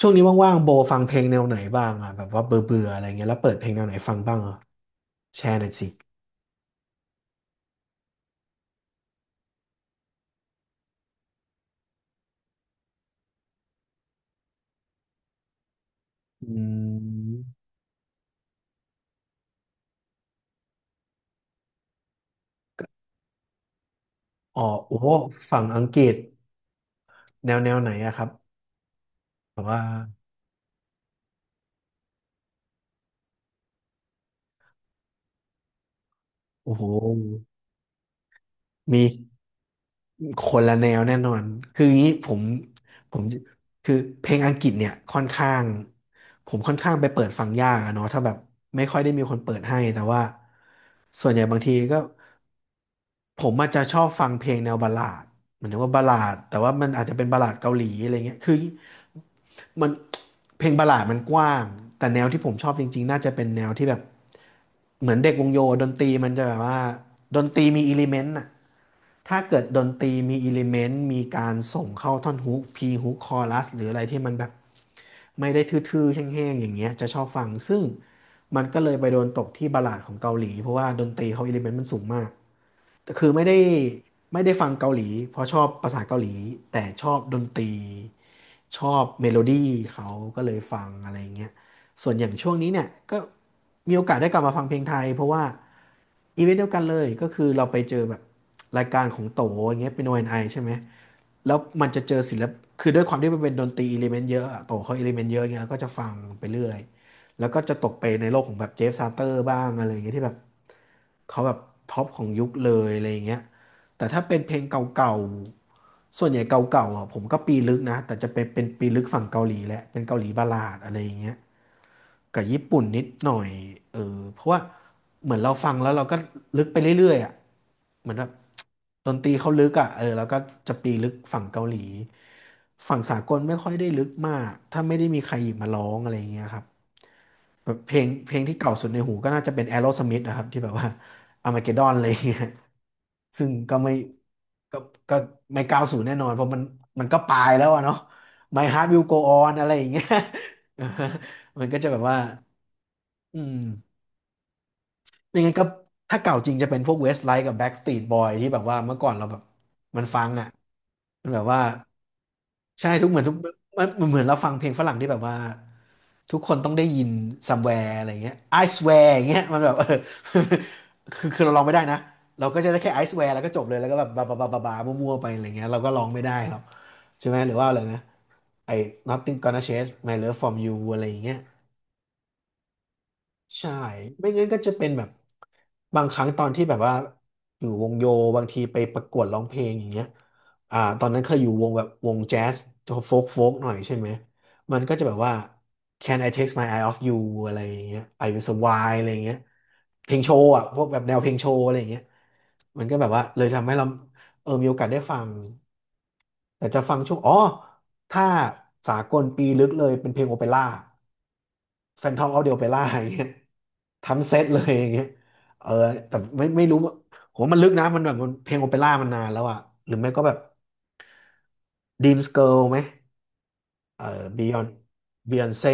ช่วงนี้ว่างๆโบฟังเพลงแนวไหนบ้างอ่ะแบบว่าเบื่อเบื่ออะไรเงี้ยแล้วเปิดเพลงแนวไหนฟังบ้างอ่ะแชร์หน่อยสิอืมอ๋อโอ้ฝั่งอังกฤษแนวไหนอะครับแบบว่าโอ้โหมีคนละแนวแน่นอนคืออย่างนี้ผมคือเพลงอังกฤษเนี่ยค่อนข้างผมค่อนข้างไปเปิดฟังยากอะเนาะถ้าแบบไม่ค่อยได้มีคนเปิดให้แต่ว่าส่วนใหญ่บางทีก็ ผมอาจจะชอบฟังเพลงแนวบัลลาดหมายถึงว่าบัลลาดแต่ว่ามันอาจจะเป็นบัลลาดเกาหลีอะไรเงี้ยคือมันเพลงบัลลาดมันกว้างแต่แนวที่ผมชอบจริงๆน่าจะเป็นแนวที่แบบเหมือนเด็กวงโยดนตรีมันจะแบบว่าดนตรีมีอิเลเมนต์อะถ้าเกิดดนตรีมีอิเลเมนต์มีการส่งเข้าท่อนฮุกพีฮุกคอรัสหรืออะไรที่มันแบบไม่ได้ทื่อๆแห้งๆอย่างเงี้ยจะชอบฟังซึ่งมันก็เลยไปโดนตกที่บัลลาดของเกาหลีเพราะว่าดนตรีเขาอิเลเมนต์มันสูงมาก แต่คือไม่ได้ฟังเกาหลีเพราะชอบภาษาเกาหลีแต่ชอบดนตรีชอบเมโลดี้เขาก็เลยฟังอะไรเงี้ยส่วนอย่างช่วงนี้เนี่ยก็มีโอกาสได้กลับมาฟังเพลงไทยเพราะว่าอีเวนต์เดียวกันเลยก็คือเราไปเจอแบบรายการของโตอย่างเงี้ยเป็น O&I ใช่ไหมแล้วมันจะเจอศิลปคือด้วยความที่มันเป็นดนตรีอิเลเมนต์เยอะอะโตเขาอิเลเมนต์เยอะเงี้ยแล้วก็จะฟังไปเรื่อยแล้วก็จะตกไปในโลกของแบบเจฟซาเตอร์บ้างอะไรเงี้ยที่แบบ เขาแบบท็อปของยุคเลยอะไรอย่างเงี้ยแต่ถ้าเป็นเพลงเก่าๆส่วนใหญ่เก่าๆอ่ะผมก็ปีลึกนะแต่จะเป็นปีลึกฝั่งเกาหลีแหละเป็นเกาหลีบัลลาดอะไรอย่างเงี้ยกับญี่ปุ่นนิดหน่อยเออเพราะว่าเหมือนเราฟังแล้วเราก็ลึกไปเรื่อยๆอ่ะเหมือนแบบ ดนตรีเขาลึกอ่ะเออแล้วก็จะปีลึกฝั่งเกาหลีฝั่งสากลไม่ค่อยได้ลึกมากถ้าไม่ได้มีใครหยิบมาร้องอะไรอย่างเงี้ยครับแบบเพลงที่เก่าสุดในหูก็น่าจะเป็น Aerosmith นะครับที่แบบว่า Armageddon อะไรอย่างเงี้ยซึ่งก็ก็ไม่ก้าวสู่แน่นอนเพราะมันก็ปลายแล้วอะเนาะ My Heart Will Go On อะไรอย่างเงี้ย มันก็จะแบบว่าอืม ยังไงก็ถ้าเก่าจริงจะเป็นพวกเวสไลท์กับแบ็กสตรีทบอยที่แบบว่าเมื่อก่อนเราแบบมันฟังอ่ะมันแบบว่าใช่ทุกเหมือนทุกมันเหมือนเราฟังเพลงฝรั่งที่แบบว่าทุกคนต้องได้ยิน somewhere อะไรเงี้ย I swear อย่างเงี้ยมันแบบเออ คือเราลองไม่ได้นะเราก็จะได้แค่ I swear แล้วก็จบเลยแล้วก็แบบบาบาบาบาบามั่วๆไปอะไรเงี้ยเราก็ร้องไม่ได้หรอกใช่ไหมหรือว่าอะไรนะไอ้ Nothing gonna change my love from you อะไรอย่างเงี้ยใช่ไม่งั้นก็จะเป็นแบบ บางครั้งตอนที่แบบว่าอยู่วงโยบางทีไปประกวดร้องเพลงอย่างเงี้ยอ่าตอนนั้นเคยอยู่วงแบบวงแจ๊สโฟกหน่อยใช่ไหม มันก็จะแบบว่า Can I take my eye off you อะไรอย่างเงี้ย I will survive อะไรอย่างเงี้ยเพลงโชว์อ่ะพวกแบบแนวเพลงโชว์อะไรอย่างเงี้ยมันก็แบบว่าเลยทำให้เราเออมีโอกาสได้ฟังแต่จะฟังช่วงอ๋อถ้าสากลปีลึกเลยเป็นเพลงโอเปร่า Phantom of the Opera อย่างเงี้ย ทั้งเซตเลย อย่างเงี้ยเออแต่ไม่รู้ว่าโมมันลึกนะมันแบบมันเพลงโอเปร่ามันนานแล้วอะหรือไม่ก็แบบ Dreams Girl ไหมเออ Beyond Beyonce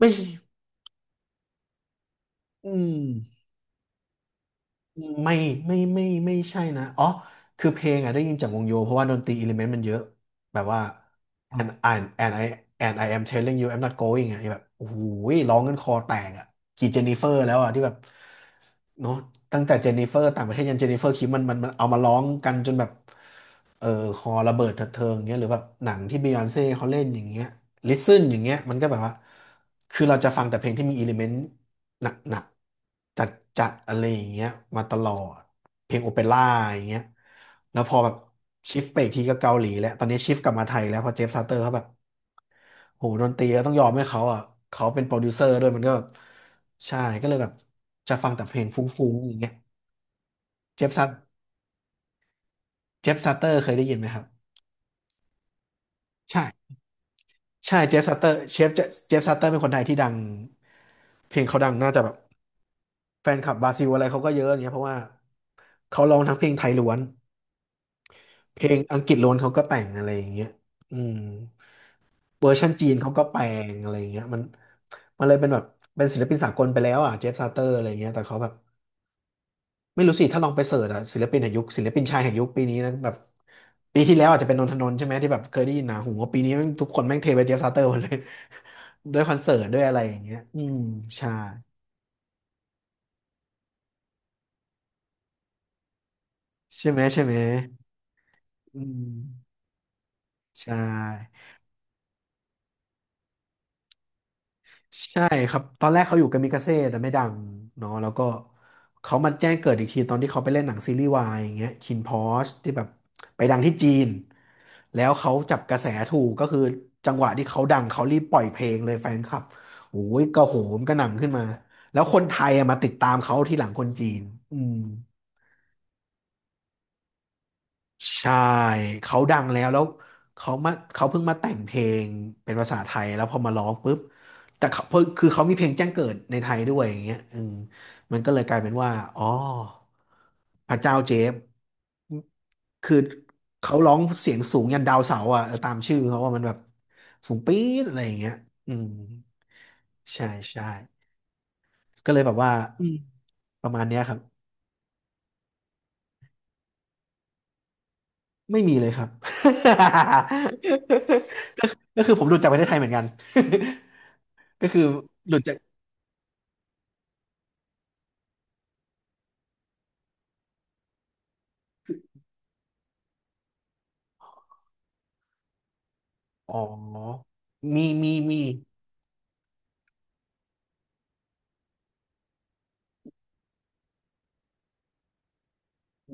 ไม่ใช่อืม ไม่ไม่ใช่นะอ๋อคือเพลงอ่ะได้ยินจากวงโยเพราะว่าดนตรีอิเลเมนต์มันเยอะแบบว่า and I and I am telling you I'm not going อ่ะแบบโอ้โหร้องกันคอแตกอ่ะกี่เจนนิเฟอร์แล้วอ่ะที่แบบเนาะตั้งแต่เจนนิเฟอร์ต่างประเทศยันเจนนิเฟอร์คิมมันเอามาร้องกันจนแบบเออคอระเบิดเถิดเทิงเงี้ยหรือแบบหนังที่บียอนเซ่เขาเล่นอย่างเงี้ย listen อย่างเงี้ยมันก็แบบว่าคือเราจะฟังแต่เพลงที่มีอิเลเมนต์ หนักๆจัดๆอะไรอย่างเงี้ยมาตลอดเพลงโอเปร่าอย่างเงี้ยแล้วพอแบบชิฟไปอีกทีก็เกาหลีแล้วตอนนี้ชิฟกลับมาไทยแล้วเพอเจฟซาเตอร์เขาแบบโหดนตรีก็ต้องยอมให้เขาอ่ะเขาเป็นโปรดิวเซอร์ด้วยมันแบบใช่ก็เลยแบบจะฟังแต่เพลงฟุ้งๆอย่างเงี้ยเจฟซาเจฟซาเตอร์เคยได้ยินไหมครับใช่ใช่เจฟซัตเตอร์เชฟเจฟซัตเตอร์เป็นคนไทยที่ดังเพลงเขาดังน่าจะแบบแฟนคลับบราซิลอะไรเขาก็เยอะอย่างเงี้ยเพราะว่าเขาร้องทั้งเพลงไทยล้วน เพลงอังกฤษล้วนเขาก็แต่งอะไรอย่างเงี้ยอืมเวอร์ชันจีนเขาก็แปลงอะไรอย่างเงี้ยมันเลยเป็นแบบเป็นศิลปินสากลไปแล้วอ่ะเจฟซาเตอร์อะไรอย่างเงี้ยแต่เขาแบบไม่รู้สิถ้าลองไปเสิร์ชอ่ะศิลปินแห่งยุคศิลปินชายแห่งยุคปีนี้นะแบบปีที่แล้วอาจจะเป็นนนทนนท์ใช่ไหมที่แบบเคยได้ยินหนาหูว่าปีนี้แม่งทุกคนแม่งเทไปเจฟซาเตอร์หมดเลย ด้วยคอนเสิร์ตด้วยอะไรอย่างเงี้ยอืมใช่ใช่ไหมอืมใช่ ใช่ครับตอนแรกเขาอยู่กามิกาเซ่แต่ไม่ดังเนาะแล้วก็เขามาแจ้งเกิดอีกทีตอนที่เขาไปเล่นหนังซีรีส์วายอย่างเงี้ยคินพอชที่แบบไปดังที่จีนแล้วเขาจับกระแสถูกก็คือจังหวะที่เขาดังเขารีบปล่อยเพลงเลยแฟนคลับโอ้ยกระโหมกระหน่ำขึ้นมาแล้วคนไทยอะมาติดตามเขาทีหลังคนจีนอืม ใช่เขาดังแล้วแล้วเขามาเขาเพิ่งมาแต่งเพลงเป็นภาษาไทยแล้วพอมาร้องปุ๊บแต่เขาเพิ่งคือเขามีเพลงแจ้งเกิดในไทยด้วยอย่างเงี้ยอืมมันก็เลยกลายเป็นว่าอ๋อพระเจ้าเจฟคือเขาร้องเสียงสูงยันดาวเสาร์อ่ะเออตามชื่อเขาว่ามันแบบสูงปี๊ดอะไรอย่างเงี้ยอืมใช่ใช่ก็เลยแบบว่าอืมประมาณเนี้ยครับไม่มีเลยครับ ก็คือผมหลุดจากประเทศไทยเหมือนกัน ก็คือหลุดจากอ๋อ มี มี มี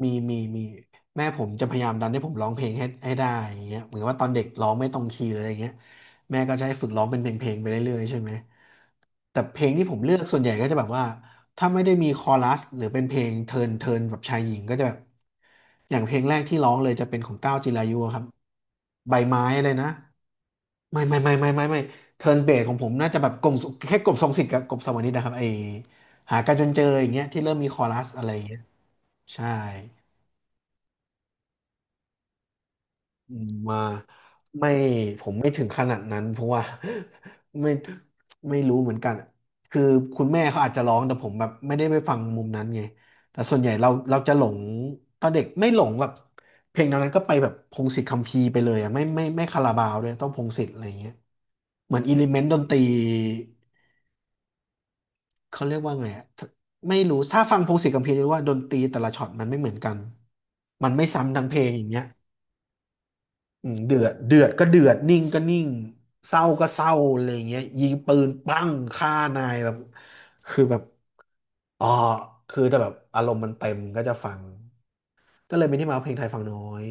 มีมีมีแม่ผมจะพยายามดันให้ผมร้องเพลงให้ได้อย่างเงี้ยเหมือนว่าตอนเด็กร้องไม่ตรงคีย์เลยอะไรเงี้ยแม่ก็จะให้ฝึกร้องเป็นเพลงไปเรื่อยๆใช่ไหมแต่เพลงที่ผมเลือกส่วนใหญ่ก็จะแบบว่าถ้าไม่ได้มีคอรัสหรือเป็นเพลงเทินเทินแบบชายหญิงก็จะแบบอย่างเพลงแรกที่ร้องเลยจะเป็นของก้าวจิรายุอะครับใบไม้อะไรนะไม่ไม่ไม่ไม่ไม่ไม่เทิร์นเบสของผมน่าจะแบบกลมแค่กลมทรงสิทธิ์กับกลมสวรรค์นิชนะครับไอหากันจนเจออย่างเงี้ยที่เริ่มมีคอรัสอะไรอย่างเงี้ยใช่ อืมมาไม่ผมไม่ถึงขนาดนั้นเพราะว่า ไม่ไม่รู้เหมือนกันคือคุณแม่เขาอาจจะร้องแต่ผมแบบไม่ได้ไปฟังมุมนั้นไงแต่ส่วนใหญ่เราจะหลงตอนเด็กไม่หลงแบบเพลงแนวนั้นก็ไปแบบพงษ์สิทธิ์คัมภีร์ไปเลยอ่ะไม่ไม่ไม่คาราบาวด้วยต้องพงษ์สิทธิ์อะไรอย่างเงี้ยเหมือนอิเลเมนต์ดนตรีเขาเรียกว่าไงอะไม่รู้ถ้าฟังพงษ์สิทธิ์คัมภีร์จะรู้ว่าดนตรีแต่ละช็อตมันไม่เหมือนกันมันไม่ซ้ำทั้งเพลงอย่างเงี้ย อืมเดือดเดือดก็เดือด นิ่งก็นิ่งเศร้าก็เศร้าอะไรอย่างเงี้ยยิงปืนปั้งฆ่านายแบบคือแบบอ๋อคือแต่แบบอารมณ์มันเต็มก็จะฟัง ก็เลยเป็นที่มาว่าเพลงไทยฟังน้อย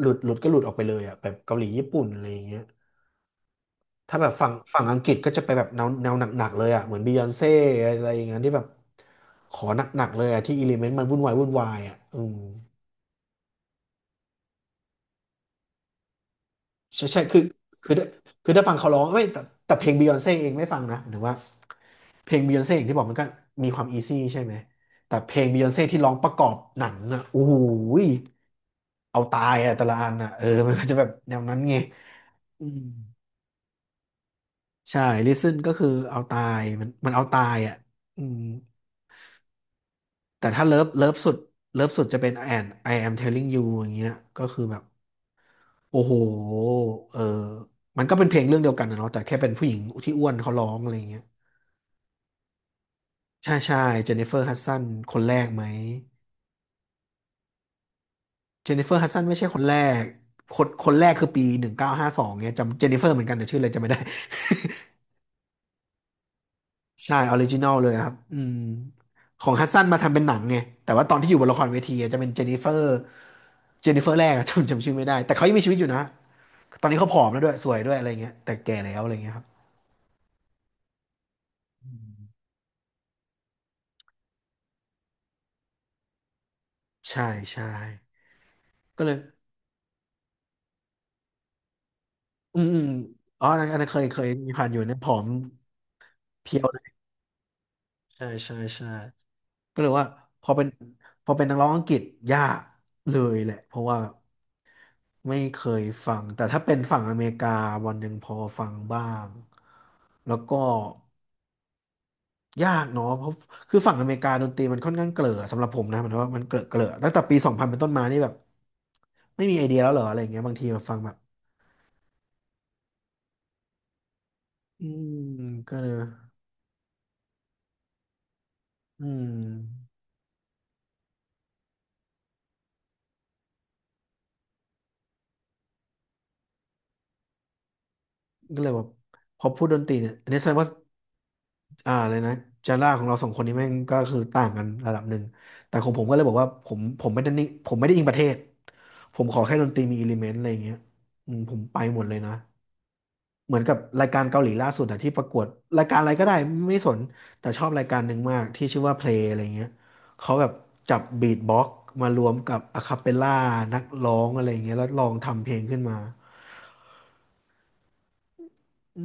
หลุดหลุดก็หลุดออกไปเลยอ่ะแบบเกาหลีญี่ปุ่นอะไรอย่างเงี้ยถ้าแบบฝั่งอังกฤษก็จะไปแบบแนวหนักๆเลยอ่ะเหมือนบียอนเซ่อะไรอย่างเงี้ยที่แบบขอหนักๆเลยอ่ะที่อิเลเมนต์มันวุ่นวายอ่ะอืม ใช่ใช่คือคือถ้าฟังเขาร้องไม่แต่แต่เพลงบิยอนเซ่เองไม่ฟังนะหรือว่าเพลงบิยอนเซ่อย่างที่บอกมันก็มีความอีซี่ใช่ไหมแต่เพลงบิยอนเซ่ที่ร้องประกอบหนังอ่ะโอ้โหยเอาตายอ่ะแต่ละอันอ่ะเออ มันก็จะแบบแนวนั้นไงอืมใช่ listen ก็คือเอาตายมันเอาตายอ่ะอืมแต่ถ้าเลิฟสุดจะเป็น and I am telling you อย่างเงี้ยก็คือแบบ โอ้โหเออมันก็เป็นเพลงเรื่องเดียวกันนะเนาะแต่แค่เป็นผู้หญิงที่อ้วนเขาร้องอะไรเงี้ยใช่ใช่เจนนิเฟอร์ฮัดสันคนแรกไหมเจนนิเฟอร์ฮัดสันไม่ใช่คนแรก คนคนแรกคือปี 1952เนี่ยจำเจนนิเฟอร์เหมือนกันแต่ชื่ออะไรจำไม่ได้ ใช่ออริจินอลเลยครับอืมของฮัดสันมาทำเป็นหนังไงแต่ว่าตอนที่อยู่บนละครเวทีอะจะเป็นเจนนิเฟอร์แรกอะ จำชื่อไม่ได้ แต่เขายังมีชีวิตอยู่นะ ตอนนี้เขาผอมแล้วด้วยสวยด้วยอะไรเงี้ยแต่แก่แล้วอะไรเงี้ยครับใช่ใช่ก็เลย อืมอืมอ๋ออันนั้นเคยมีผ่านอยู่เนี่ยผอมเพรียวเลยใช่ใช่ใช่ก็เลยว่าพอเป็นพอเป็นนักร้องอังกฤษยากเลยแหละเพราะว่าไม่เคยฟังแต่ถ้าเป็นฝั่งอเมริกาวันหนึ่งพอฟังบ้างแล้วก็ยากเนาะเพราะคือฝั่งอเมริกาดนตรีมันค่อนข้างเกลอสำหรับผมนะมันว่ามันเกลอตั้งแต่ปี 2000เป็นต้นมานี่แบบไม่มีไอเดียแล้วเหรออะไรอย่างเงี้ยบางทีมาฟังแบบอืมก็เลยอืม ก็เลยแบบพอพูดดนตรีเนี่ยอันนี้แสดงว่าเลยนะจาร่าของเราสองคนนี้แม่งก็คือต่างกันระดับหนึ่งแต่ของผมก็เลยบอกว่าผมไม่ได้นิ่งผมไม่ได้อิงประเทศผมขอแค่ดนตรีมีอิเลเมนต์อะไรอย่างเงี้ยอืมผมไปหมดเลยนะเหมือนกับรายการเกาหลีล่าสุดอะที่ประกวดรายการอะไรก็ได้ไม่สนแต่ชอบรายการหนึ่งมากที่ชื่อว่าเพลงอะไรเงี้ยเขาแบบจับบีทบ็อกซ์มารวมกับอะคาเปลล่านักร้องอะไรเงี้ยแล้วลองทำเพลงขึ้นมา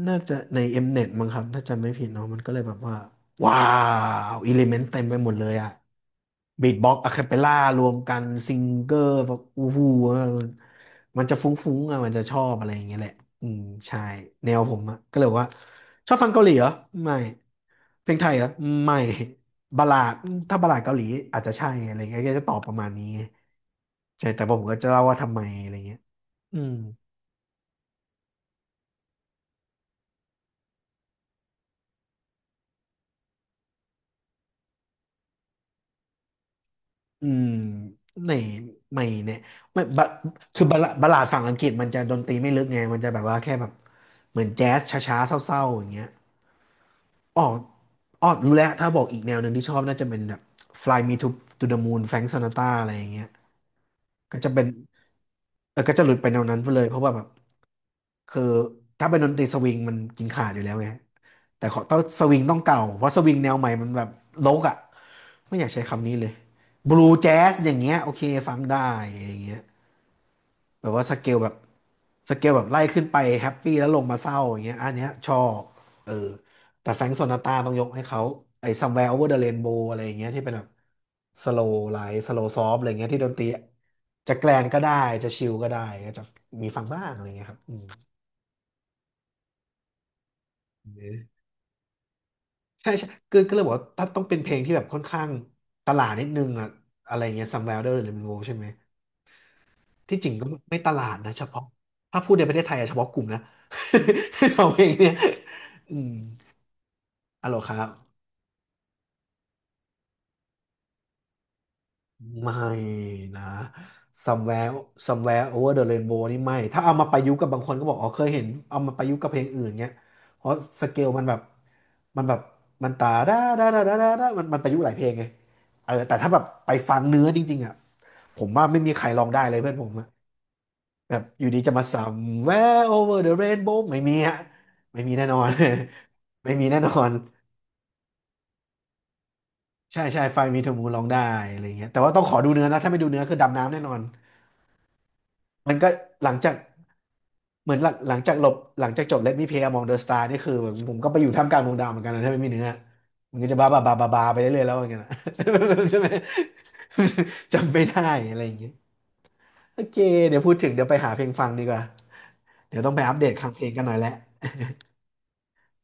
น่าจะใน Mnet มเน็ตมั้งครับถ้าจำไม่ผิดเนาะมันก็เลยแบบว่าว้าวอิเลเมนต์เต็มไปหมดเลยอะบีทบ็อกซ์อะคาเปล่ารวมกันซิงเกอร์แบบอู้หูมันจะฟุ้งๆอะมันจะชอบอะไรอย่างเงี้ยแหละอืมใช่แนวผมอะก็เลยบอกว่าชอบฟังเกาหลีเหรอไม่เพลงไทยเหรอไม่บัลลาดถ้าบัลลาดเกาหลีอาจจะใช่อะไรเงี้ยก็จะตอบประมาณนี้ไงใช่แต่ผมก็จะเล่าว่าทำไมอะไรเงี้ยอืม อืมไม่ไม่เนี่ยไม่บะคือบะละบะหลาดฝั่งอังกฤษมันจะดนตรีไม่ลึกไงมันจะแบบว่าแค่แบบเหมือนแจ๊สช้าๆเศร้าๆอย่างเงี้ยอ๋ออ๋อรู้แล้วถ้าบอกอีกแนวหนึ่งที่ชอบน่าจะเป็นแบบ Fly Me to the Moon Frank Sinatra อะไรอย่างเงี้ยก็จะเป็นเออก็จะหลุดไปแนวนั้นไปเลยเพราะว่าแบบคือถ้าเป็นดนตรีสวิงมันกินขาดอยู่แล้วไงแต่ขอต้องสวิงต้องเก่าเพราะสวิงแนวใหม่มันแบบโลกอ่ะไม่อยากใช้คำนี้เลยบลูแจ๊สอย่างเงี้ยโอเคฟังได้อะไรอย่างเงี้ย แบบว่าสเกลแบบไล่ขึ้นไปแฮปปี้แล้วลงมาเศร้าอย่างเงี้ยอันเนี้ยชอบเออแต่แฟรงก์โซนาตราต้องยกให้เขาไอ้ Somewhere Over the Rainbow อะไรอย่างเงี้ยที่เป็นแบบสโลว์ไลท์สโลว์ซอฟอะไรเงี้ยที่ดนตรีจะแกลนก็ได้จะชิลก็ได้ก็จะมีฟังบ้างอะไรเงี้ยครับอืมใช่ใช่คือก็เลยบอกว่าถ้าต้องเป็นเพลงที่แบบค่อนข้างตลาดนิดนึงอะอะไรเงี้ย Somewhere Over the Rainbow ใช่ไหม ที่จริงก็ไม่ตลาดนะเฉพาะถ้าพูดในประเทศไทยอะเฉพาะกลุ่มนะ สองเพลงเนี่ยอืมอะโหลครับไม่นะ somewhere somewhere over the rainbow นี่ไม่ถ้าเอามาประยุกต์กับบางคนก็บอกอ๋อเคยเห็นเอามาประยุกต์กับเพลงอื่นเงี้ยเพราะสเกลมันแบบมันแบบมันตาด้าด้าด้าด้าด้ามันประยุกต์หลายเพลงไงเออแต่ถ้าแบบไปฟังเนื้อจริงๆอ่ะผมว่าไม่มีใครลองได้เลยเพื่อนผม แบบอยู่ดีจะมา somewhere over the rainbow ไม่มีฮะไม่มีแน่นอน ไม่มีแน่นอนใช่ใช่ไฟมีเทอร์มูลร้องได้อะไรเงี้ยแต่ว่าต้องขอดูเนื้อนะถ้าไม่ดูเนื้อคือดำน้ำแน่นอนมันก็หลังจากเหมือนหลังจากหลบหลังจากจบ Let Me Play Among the Stars นี่คือแบบผมก็ไปอยู่ท่ามกลางดวงดาวเหมือนกันนะถ้าไม่มีเนื้อมันก็จะบ้าบ้าบ้าบ้าบ้าไปเรื่อยๆแล้วอย่างเงี้ยนะ ใช่ไหม จำไม่ได้อะไรอย่างเงี้ยโอเคเดี๋ยวพูดถึงเดี๋ยวไปหาเพลงฟังดีกว่าเดี๋ยวต้องไปอัปเดตคลังเพลงกันหน่อยแล้ว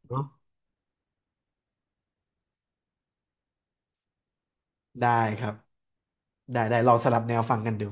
เนาะได้ครับ ได้ได้ลองสลับแนวฟังกันดู